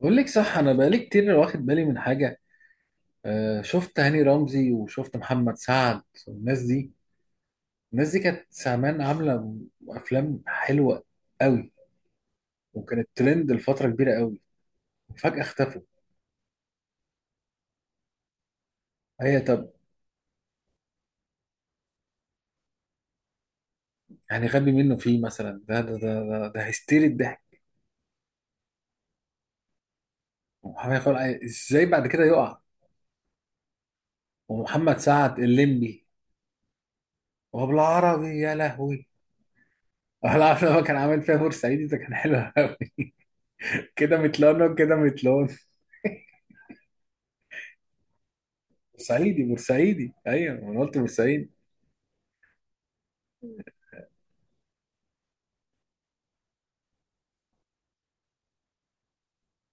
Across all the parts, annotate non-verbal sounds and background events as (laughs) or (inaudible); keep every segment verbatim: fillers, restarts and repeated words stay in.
بقول لك صح، انا بقالي كتير واخد بالي من حاجه. آه، شفت هاني رمزي وشفت محمد سعد والناس دي. الناس دي كانت زمان عامله افلام حلوه قوي، وكانت ترند لفتره كبيره قوي. وفجاه اختفوا. هي طب. يعني غبي منه فيه مثلا ده ده ده ده, ده هيستيري الضحك. ومحمد خلق ازاي بعد كده يقع. ومحمد سعد الليمبي. وبالعربي يا لهوي. (laughs) العربي هو كان عامل فيها بورسعيدي، ده كان حلو قوي. (laughs) كده متلون وكده متلون. بورسعيدي بورسعيدي، ايوه انا قلت بورسعيدي.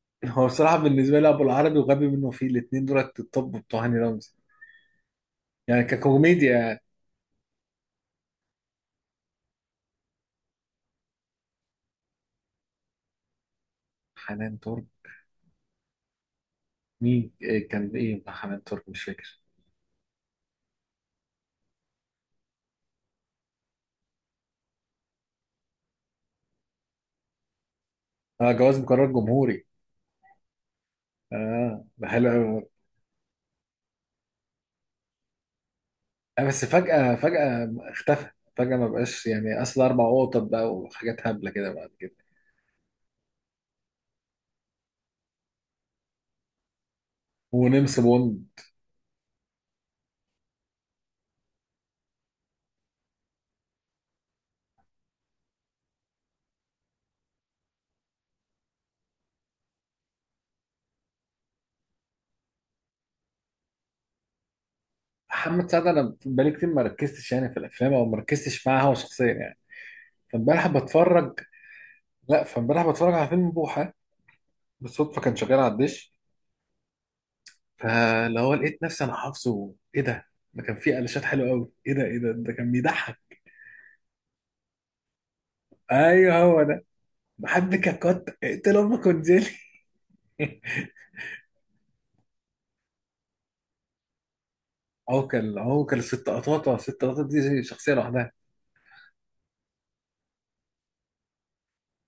(laughs) هو بصراحه بالنسبه لي ابو العربي وغبي منه فيه الاثنين دولت الطب بتوع هاني رمزي، يعني ككوميديا. حنان ترك، مين إيه كان ايه مع حنان ترك، مش فاكر. اه، جواز مقرر جمهوري. اه، ده حلو قوي. آه، بس فجاه فجاه اختفى. فجاه ما بقاش يعني، اصل اربع قطط بقى وحاجات هبله كده بعد كده. ونمس بون. محمد سعد انا بقالي كتير ما ركزتش يعني في الافلام، او ما ركزتش معاه هو شخصيا يعني. فامبارح بتفرج، لا فامبارح بتفرج على فيلم بوحه بالصدفه، كان شغال على الدش. فاللي هو لقيت نفسي انا حافظه. ايه ده؟ ده كان فيه قلشات حلوه قوي. ايه ده؟ ايه ده؟ ده كان بيضحك. ايوه هو ده. بحبك ككت، اقتل امك وانزلي. (laughs) هو كان هو كان الست قطاطه، الست قطاطه دي شخصيه لوحدها.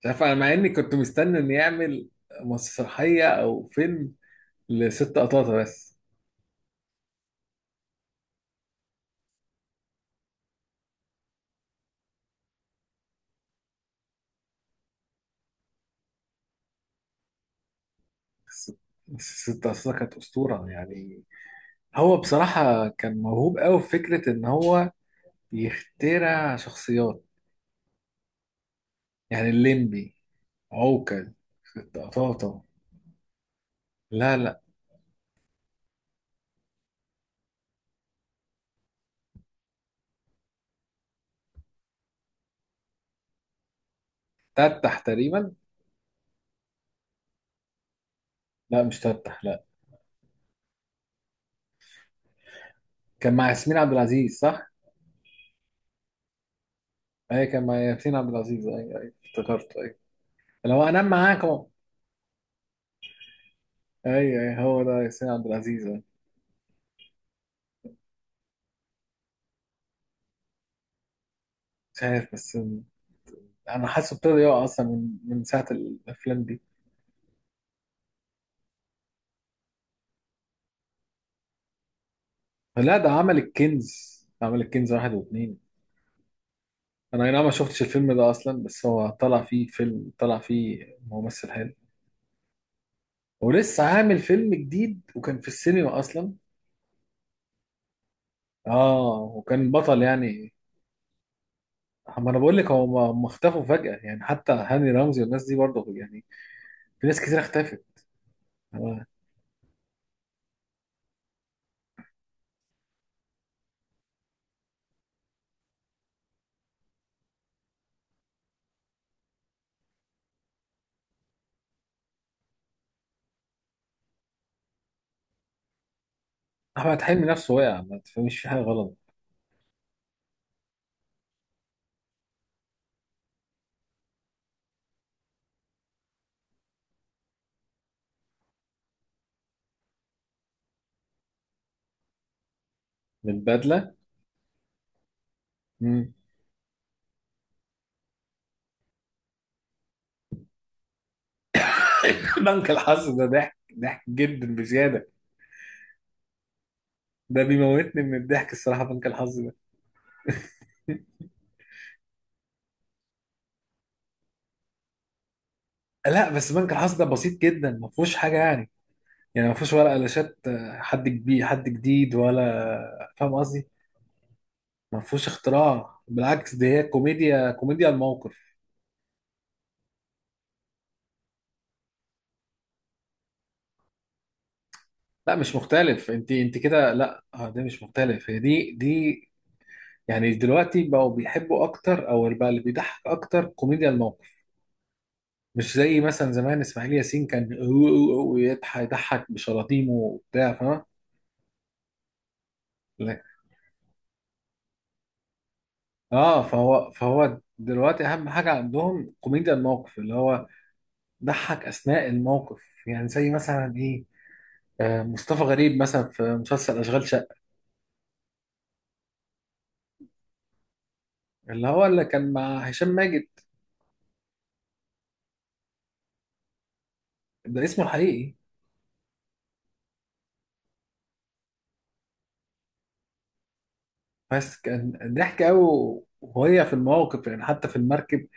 مش عارف، انا مع اني كنت مستني ان يعمل مسرحيه او فيلم لست قطاطه بس. بس الست قطاطه كانت اسطوره يعني. هو بصراحه كان موهوب قوي في فكره ان هو يخترع شخصيات. يعني الليمبي، عوكل، طاطا. لا لا تفتح تقريبا. لا مش تفتح، لا. كان مع ياسمين عبد العزيز صح؟ اي كان مع ياسمين عبد العزيز، اي اي افتكرته، اي. لو انام معاكم. اي اي هو ده، ياسمين عبد العزيز، أي. مش عارف بس. انا حاسه ابتدى يقع اصلا من من ساعه الافلام دي. لا، ده عمل الكنز. عمل الكنز واحد واثنين. انا اي نعم ما شفتش الفيلم ده اصلا، بس هو طلع فيه، فيلم طلع فيه ممثل حلو. ولسه عامل فيلم جديد وكان في السينما اصلا. اه، وكان بطل يعني. ما انا بقول لك، هو ما ما اختفوا فجأة، يعني حتى هاني رمزي والناس دي برضه يعني. في ناس كتير اختفت. هو احمد حلمي نفسه وقع، ما تفهميش في حاجة غلط. من بدلة. مم. (laughs) بنك الحظ ده ضحك، ضحك جدا بزيادة. ده بيموتني من الضحك الصراحة بنك الحظ ده. لا بس بنك الحظ ده بسيط جدا، ما فيهوش حاجة يعني. يعني ما فيهوش ولا قلاشات، آه، حد كبير حد جديد ولا، فاهم قصدي؟ ما فيهوش اختراع، بالعكس دي هي كوميديا، كوميديا الموقف. لا مش مختلف، انت انت كده لا، اه ده مش مختلف، هي دي دي. يعني دلوقتي بقوا بيحبوا اكتر، او بقى اللي بيضحك اكتر كوميديا الموقف. مش زي مثلا زمان اسماعيل ياسين كان ويضحك يضحك بشلاطيمه وبتاع، فاهم. لا. اه فهو فهو دلوقتي اهم حاجه عندهم كوميديا الموقف، اللي هو ضحك اثناء الموقف. يعني زي مثلا ايه، آه، مصطفى غريب مثلا في مسلسل اشغال شقه. اللي هو اللي كان مع هشام ماجد. ده اسمه الحقيقي. بس كان ضحك قوي وهي في المواقف يعني، حتى في المركب.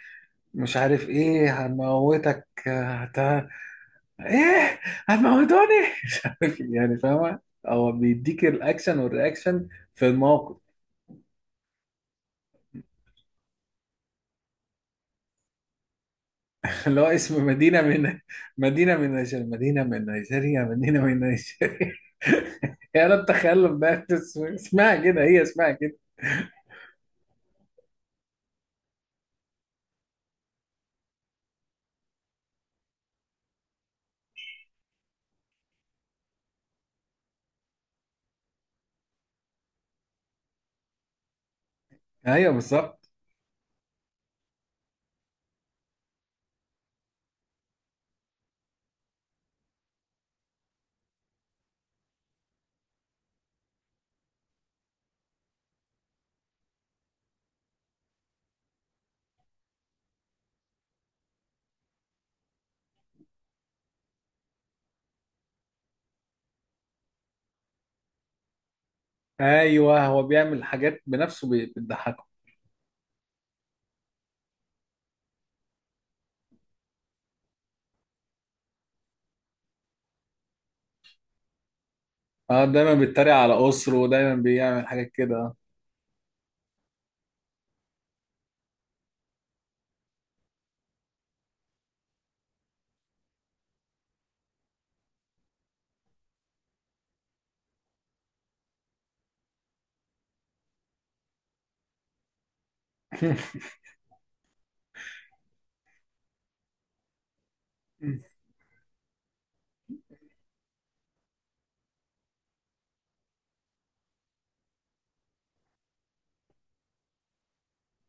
مش عارف ايه، هنموتك هت... ايه، هتموتوني. (laughs) مش عارف يعني، فاهمة. هو بيديك الاكشن والرياكشن في الموقف. (laughs) اللي هو اسم مدينة من، مدينة من نيجيريا مدينة من نيجيريا مدينة من نيجيريا. (laughs) يا رب تخيل بقى، بس- اسمها كده، هي اسمها كده. ايوه بالظبط. ايوه هو بيعمل حاجات بنفسه بي- بتضحك. اه دايما بيتريق على اسره ودايما بيعمل حاجات كده. (laughs)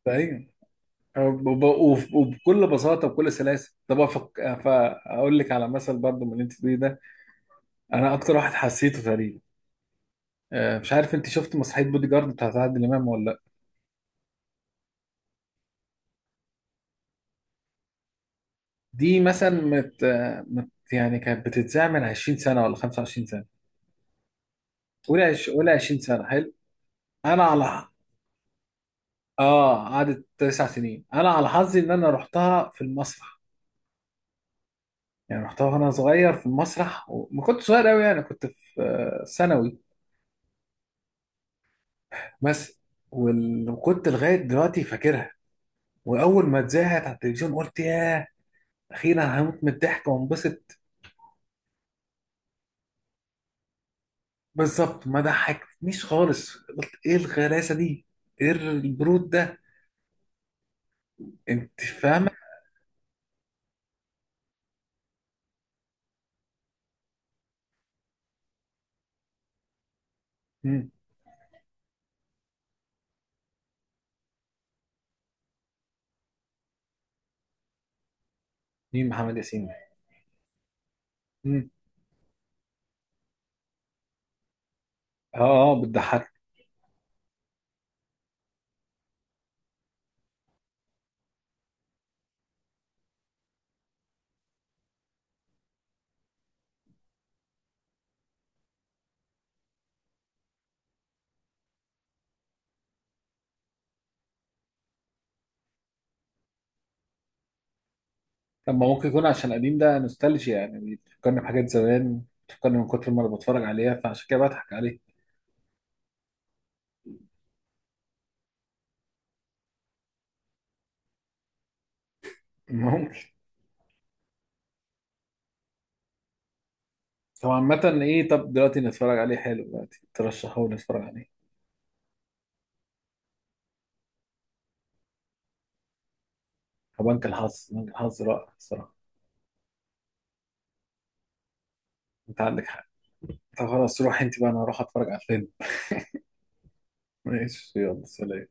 ايوه وب- وب- وبكل بساطه وبكل سلاسه. طب أفك... فاقول لك على مثل برضه من اللي انت بتقوليه ده، انا اكتر واحد حسيته تقريبا. آه، مش عارف انت شفت مسرحيه بودي جارد بتاعت عادل امام ولا لا؟ دي مثلا مت... آه، مت... يعني كانت بتتذاع من عشرين سنه ولا خمسة وعشرين سنه. قولي عش... قولي عشرين سنه حلو. انا على، اه قعدت تسع سنين. انا على حظي ان انا رحتها في المسرح. يعني رحتها وانا صغير في المسرح، وما كنت صغير قوي يعني، كنت في آه، ثانوي بس. وال- وكنت لغايه دلوقتي فاكرها. واول ما اتذاعت على التلفزيون قلت ياه، اخيرا هموت من الضحك وانبسط. بالظبط، ما ضحكتنيش خالص. قلت ايه الغلاسه دي، ايه البرود ده. انت فاهمه. مم. مين محمد ياسين ده؟ مم. اه اه بتضحك. طب ما ممكن يكون عشان قديم، ده نوستالجيا يعني، بيفكرني بحاجات زمان، بتفكرني من كتر ما انا بتفرج عليها فعشان كده بضحك عليه. ممكن. هو عامة ايه، طب دلوقتي نتفرج عليه، حلو دلوقتي ترشحه لي نتفرج عليه. فبنك الحظ، بنك الحظ رائع الصراحة. انت عندك حق. طب خلاص، روح انت بقى انا هروح اتفرج على الفيلم. ماشي، يلا سلام.